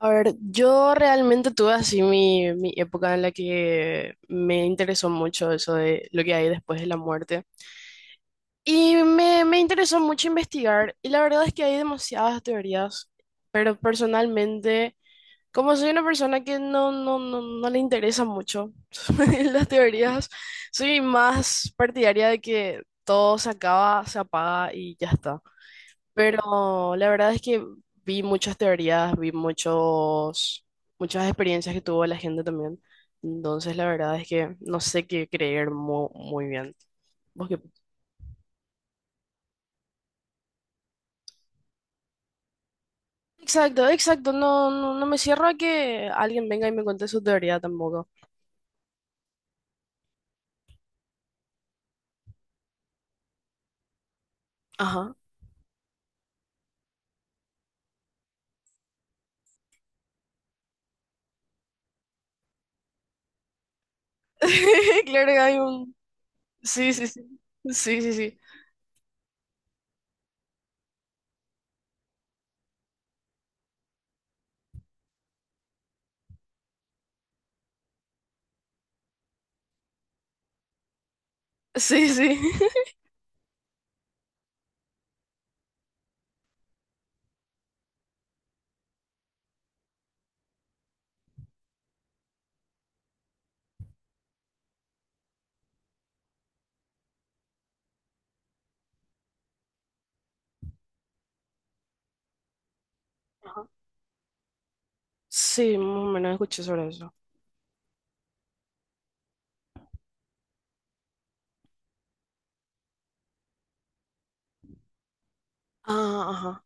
A ver, yo realmente tuve así mi época en la que me interesó mucho eso de lo que hay después de la muerte. Y me interesó mucho investigar. Y la verdad es que hay demasiadas teorías. Pero personalmente, como soy una persona que no le interesa mucho las teorías, soy más partidaria de que todo se acaba, se apaga y ya está. Pero la verdad es que vi muchas teorías, vi muchos, muchas experiencias que tuvo la gente también. Entonces, la verdad es que no sé qué creer muy, bien. ¿Vos qué- Exacto, exacto. No, no, no me cierro a que alguien venga y me cuente su teoría tampoco. Ajá. Claro que hay un... Sí, sí, sí. Sí, sí, sí. Sí, sí. Ajá. Sí, más o menos escuché sobre eso. Ah, ajá.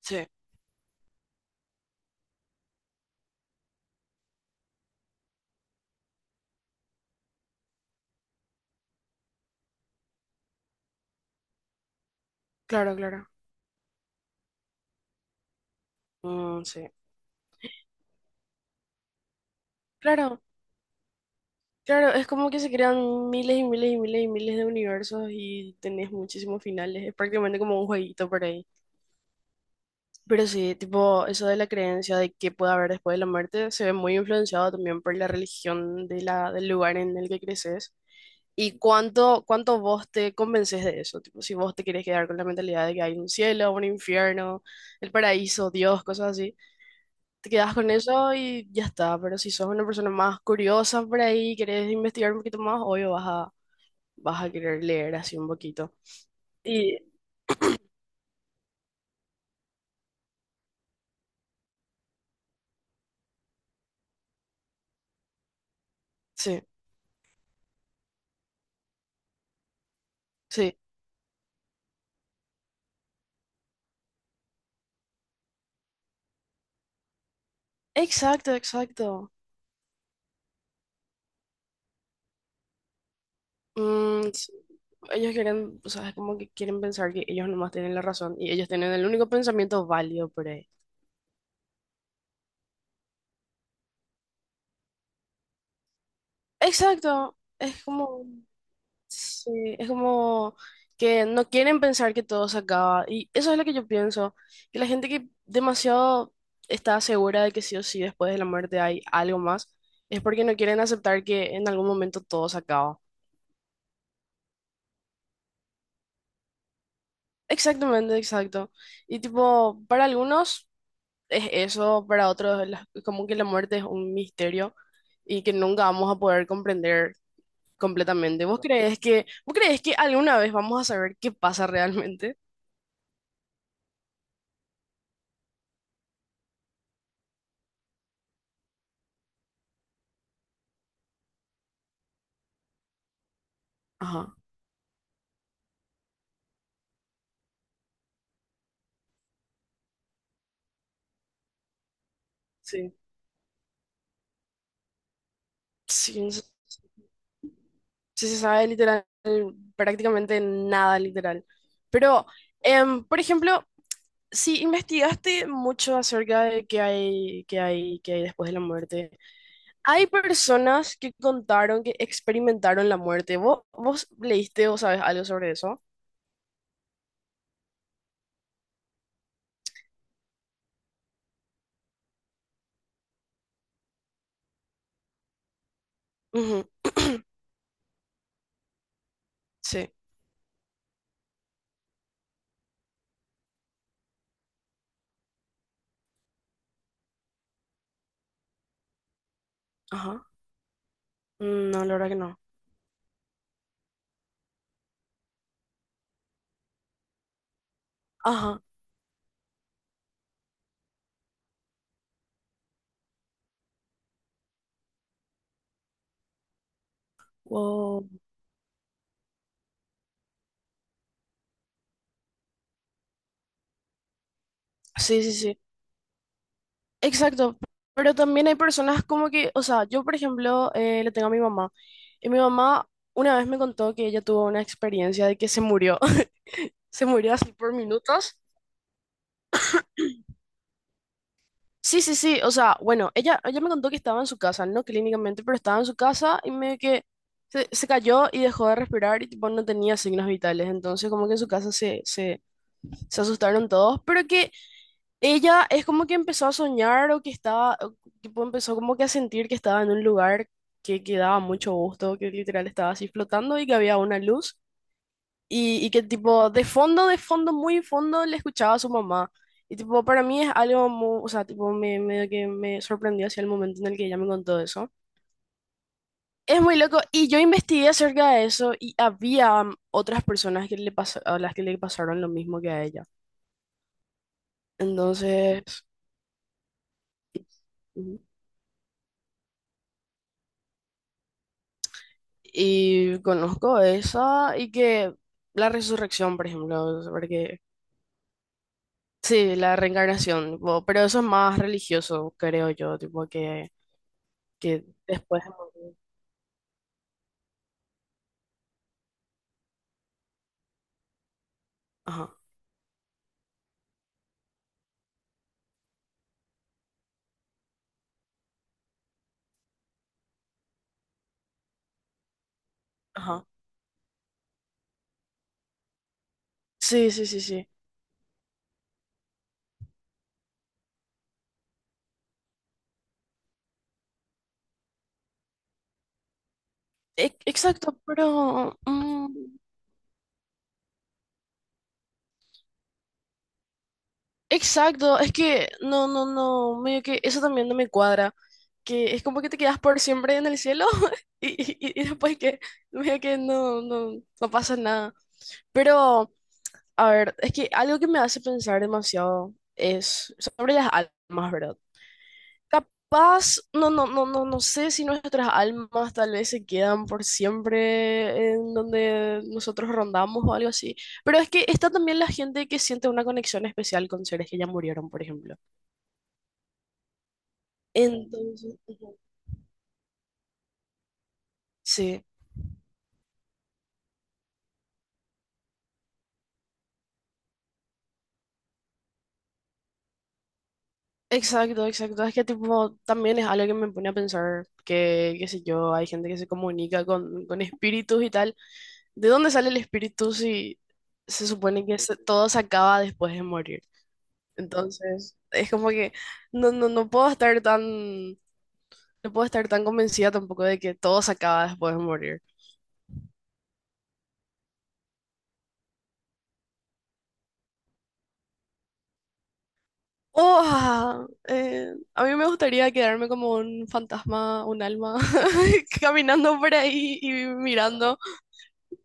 Sí, claro, claro. Mm, sí. Claro. Claro, es como que se crean miles y miles y miles y miles de universos y tenés muchísimos finales. Es prácticamente como un jueguito por ahí. Pero sí, tipo, eso de la creencia de que puede haber después de la muerte se ve muy influenciado también por la religión de del lugar en el que creces. ¿Y cuánto, cuánto vos te convences de eso? Tipo, si vos te querés quedar con la mentalidad de que hay un cielo, un infierno, el paraíso, Dios, cosas así, te quedás con eso y ya está. Pero si sos una persona más curiosa por ahí, querés investigar un poquito más, obvio vas a querer leer así un poquito. Y sí, sí, exacto, exacto. Mm, s- ellos quieren, o sea, es como que quieren pensar que ellos nomás tienen la razón y ellos tienen el único pensamiento válido por ahí. Exacto, es como, sí, es como que no quieren pensar que todo se acaba. Y eso es lo que yo pienso, que la gente que demasiado está segura de que sí o sí después de la muerte hay algo más, es porque no quieren aceptar que en algún momento todo se acaba. Exactamente, exacto. Y tipo, para algunos es eso, para otros es como que la muerte es un misterio y que nunca vamos a poder comprender completamente. Vos crees que alguna vez vamos a saber qué pasa realmente? Ajá, sí. Sí, no se sí se sabe literal, prácticamente nada literal. Pero, por ejemplo, sí, investigaste mucho acerca de qué hay, qué hay, qué hay después de la muerte. Hay personas que contaron que experimentaron la muerte. ¿Vos, vos leíste o sabes algo sobre eso? Ujú. Sí, ajá. No, la verdad que no. Ajá. Wow. Sí, sí, sí. Exacto, pero también hay personas como que, o sea, yo por ejemplo le tengo a mi mamá y mi mamá una vez me contó que ella tuvo una experiencia de que se murió, se murió así por minutos. Sí, sí, sí, o sea, bueno, ella me contó que estaba en su casa, no clínicamente, pero estaba en su casa y medio que se cayó y dejó de respirar y tipo no tenía signos vitales, entonces como que en su casa se asustaron todos, pero que ella es como que empezó a soñar o que estaba, o tipo empezó como que a sentir que estaba en un lugar que daba mucho gusto, que literal estaba así flotando y que había una luz y que tipo de fondo, muy fondo le escuchaba a su mamá. Y tipo para mí es algo muy, o sea, tipo me, medio que me sorprendió hacia el momento en el que ella me contó eso. Es muy loco y yo investigué acerca de eso y había otras personas que a las que le pasaron lo mismo que a ella. Entonces... ujú. Y conozco esa y que la resurrección, por ejemplo, porque sí, la reencarnación, tipo, pero eso es más religioso, creo yo, tipo que después de morir. Ajá, ajá. Sí, sí, sí, sí. E- exacto, pero exacto, es que no, no, no, medio que eso también no me cuadra, que es como que te quedas por siempre en el cielo y después que medio que no, no, no pasa nada. Pero a ver, es que algo que me hace pensar demasiado es sobre las almas, ¿verdad? Capaz, no, no, no, no, no sé si nuestras almas tal vez se quedan por siempre en donde nosotros rondamos o algo así. Pero es que está también la gente que siente una conexión especial con seres que ya murieron, por ejemplo. Entonces, ujú. Sí. Exacto, exacto. Es que tipo, también es algo que me pone a pensar que, qué sé yo, hay gente que se comunica con espíritus y tal. ¿De dónde sale el espíritu si se supone que todo se acaba después de morir? Entonces, es como que no puedo estar tan, no puedo estar tan convencida tampoco de que todo se acaba después de morir. Oh, a mí me gustaría quedarme como un fantasma, un alma, caminando por ahí y mirando.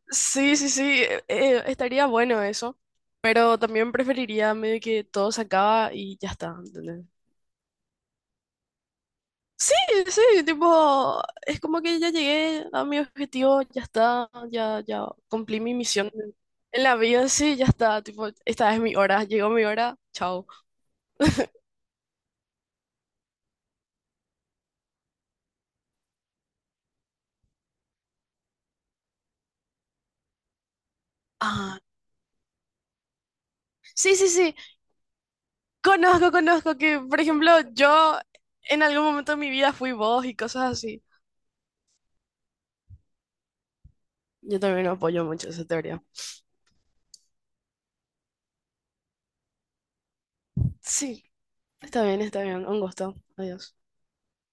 Sí, sí, sí, estaría bueno eso, pero también preferiría medio que todo se acaba y ya está, ¿entendés? Sí, sí, tipo, es como que ya llegué a mi objetivo, ya está, ya cumplí mi misión en la vida, sí, ya está, tipo, esta es mi hora, llegó mi hora, chao. Ah, sí, sí, sí, conozco, conozco que, por ejemplo, yo en algún momento de mi vida fui vos y cosas así. Yo también apoyo mucho esa teoría. Sí, está bien, un gusto, adiós.